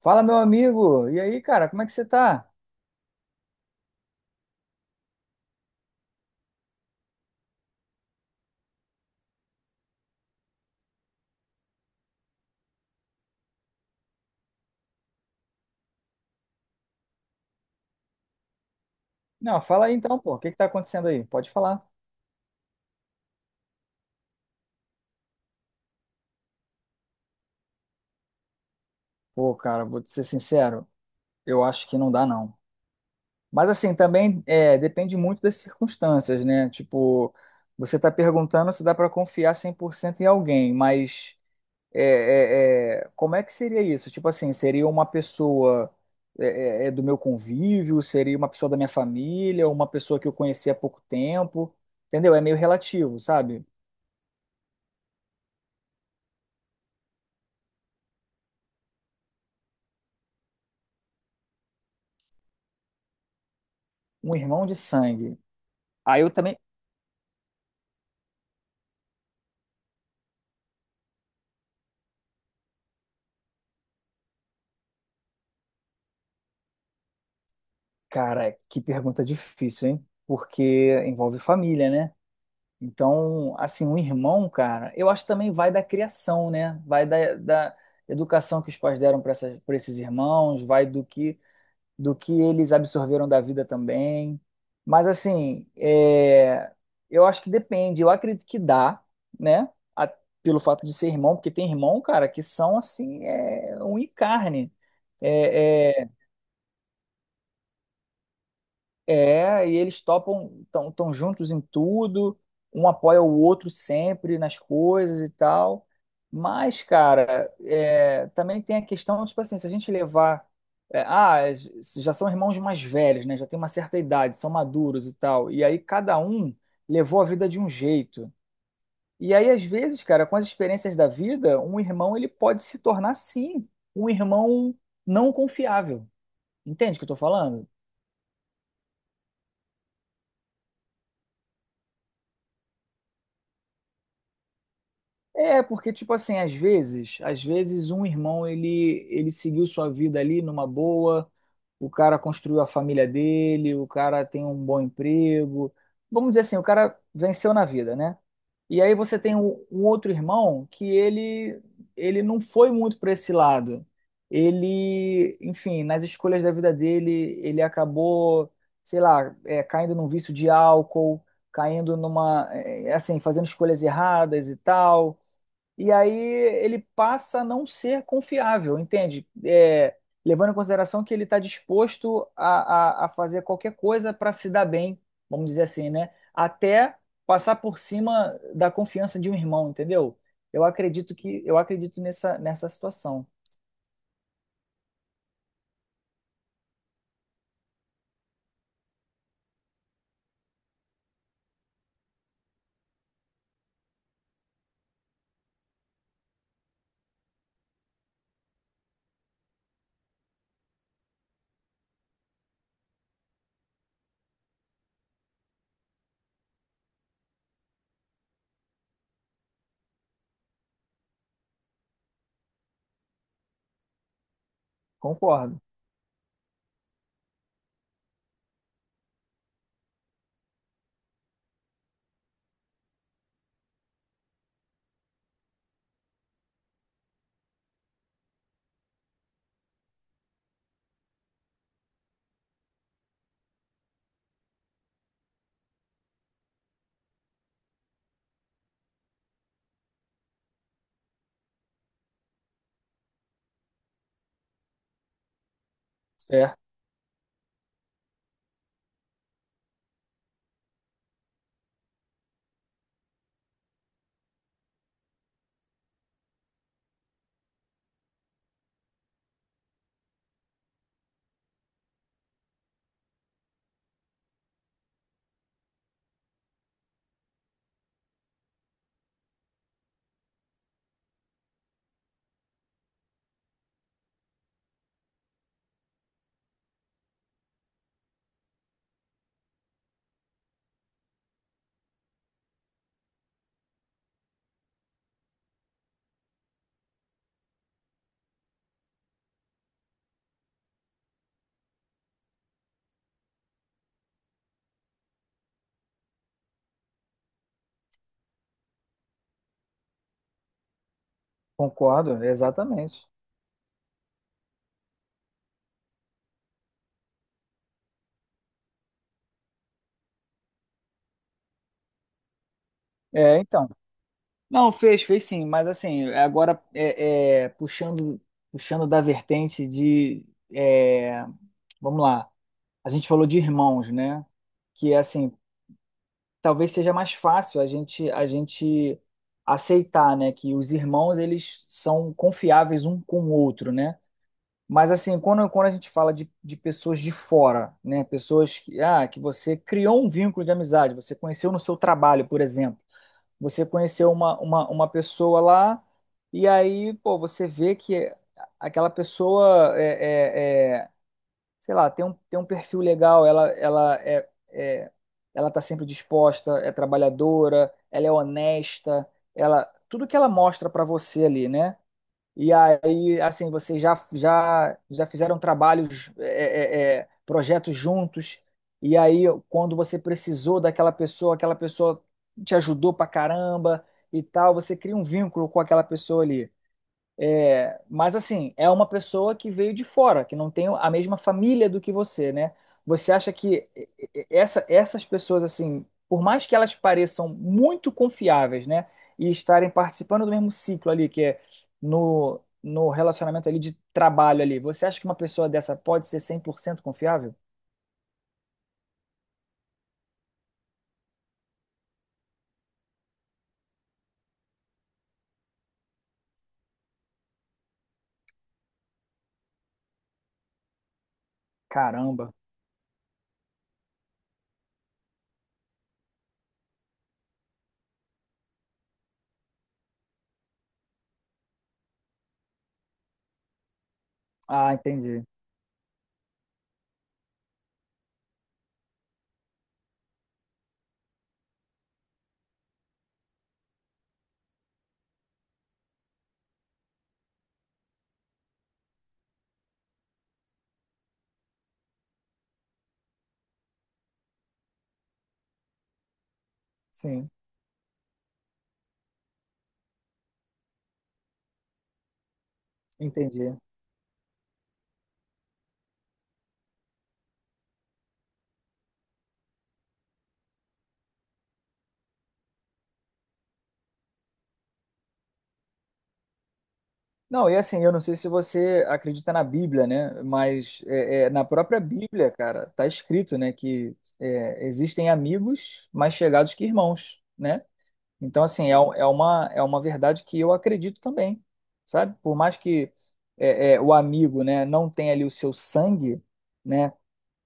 Fala, meu amigo. E aí, cara, como é que você tá? Não, fala aí então, pô. O que que tá acontecendo aí? Pode falar. Pô, cara, vou te ser sincero, eu acho que não dá, não. Mas assim, também depende muito das circunstâncias, né? Tipo, você tá perguntando se dá pra confiar 100% em alguém, mas é, como é que seria isso? Tipo assim, seria uma pessoa do meu convívio? Seria uma pessoa da minha família? Uma pessoa que eu conheci há pouco tempo? Entendeu? É meio relativo, sabe? Um irmão de sangue. Aí eu também. Cara, que pergunta difícil, hein? Porque envolve família, né? Então, assim, um irmão, cara, eu acho que também vai da criação, né? Vai da educação que os pais deram para para esses irmãos, vai do que eles absorveram da vida também. Mas, assim, eu acho que depende. Eu acredito que dá, né? A- Pelo fato de ser irmão, porque tem irmão, cara, que são, assim, um e carne. É, é, e eles topam, estão tão juntos em tudo, um apoia o outro sempre nas coisas e tal. Mas, cara, é, também tem a questão, tipo assim, se a gente levar. é, ah, s- Já são irmãos mais velhos, né? Já tem uma certa idade, são maduros e tal. E aí cada um levou a vida de um jeito. E aí, às vezes, cara, com as experiências da vida, um irmão ele pode se tornar, sim, um irmão não confiável. Entende o que eu tô falando? É, porque, tipo assim, às vezes um irmão, ele seguiu sua vida ali numa boa, o cara construiu a família dele, o cara tem um bom emprego, vamos dizer assim, o cara venceu na vida, né? E aí você tem um outro irmão que ele não foi muito para esse lado. Ele, enfim, nas escolhas da vida dele, ele acabou, sei lá, é, caindo num vício de álcool, caindo numa, assim, fazendo escolhas erradas e tal e aí ele passa a não ser confiável, entende? É, levando em consideração que ele está disposto a fazer qualquer coisa para se dar bem, vamos dizer assim, né? Até passar por cima da confiança de um irmão, entendeu? Eu acredito que eu acredito nessa, nessa situação. Concordo. Certo, concordo, exatamente. É, então. Não, fez, fez sim, mas assim, agora é, é, puxando, puxando da vertente de, é, vamos lá. A gente falou de irmãos, né? Que é assim, talvez seja mais fácil a gente aceitar, né, que os irmãos eles são confiáveis um com o outro, né? Mas assim, quando a gente fala de pessoas de fora, né, pessoas que, ah, que você criou um vínculo de amizade, você conheceu no seu trabalho, por exemplo, você conheceu uma pessoa lá e aí, pô, você vê que aquela pessoa sei lá, tem um perfil legal, ela tá sempre disposta, é trabalhadora, ela é honesta, ela, tudo que ela mostra para você ali, né? E aí, assim, vocês já fizeram trabalhos, projetos juntos, e aí, quando você precisou daquela pessoa, aquela pessoa te ajudou pra caramba e tal, você cria um vínculo com aquela pessoa ali. Mas assim, é uma pessoa que veio de fora, que não tem a mesma família do que você, né? Você acha que e- essa- Essas pessoas, assim, por mais que elas pareçam muito confiáveis, né? E estarem participando do mesmo ciclo ali, que é no relacionamento ali de trabalho ali, você acha que uma pessoa dessa pode ser cem por cento confiável? Caramba. Ah, entendi. Sim, entendi. Não, e assim, eu não sei se você acredita na Bíblia, né? Mas na própria Bíblia, cara, tá escrito, né, que é, existem amigos mais chegados que irmãos, né? Então, assim, é uma verdade que eu acredito também, sabe? Por mais que o amigo, né, não tenha ali o seu sangue, né?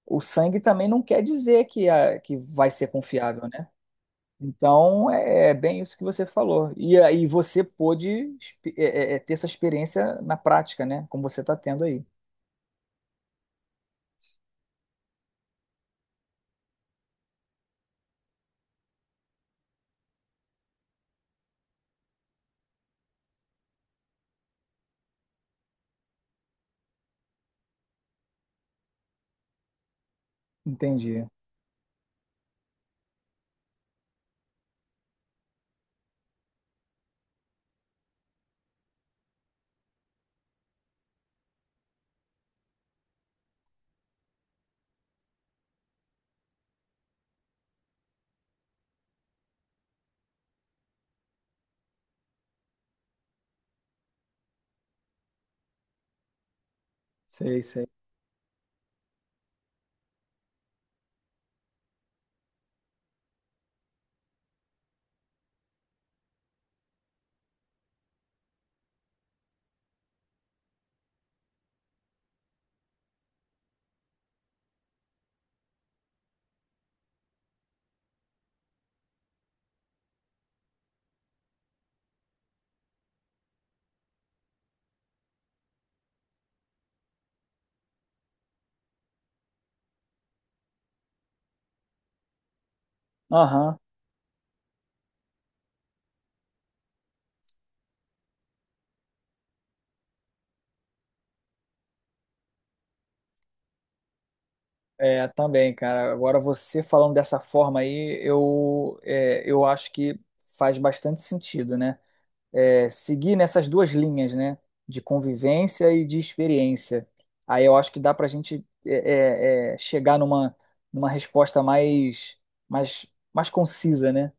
O sangue também não quer dizer que, a, que vai ser confiável, né? Então, é, é bem isso que você falou. E aí você pôde ter essa experiência na prática, né? Como você está tendo aí. Entendi. Sei, sei. Aham. É, também, cara. Agora você falando dessa forma aí, eu, é, eu acho que faz bastante sentido, né? É, seguir nessas duas linhas, né? De convivência e de experiência. Aí eu acho que dá pra gente chegar numa, numa resposta mais, mais, mais concisa, né?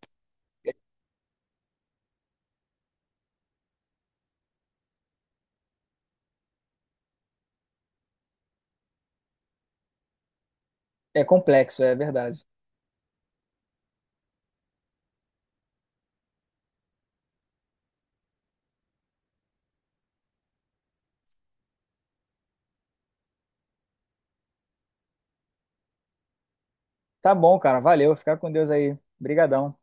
É complexo, é verdade. Tá bom, cara. Valeu. Fica com Deus aí. Brigadão.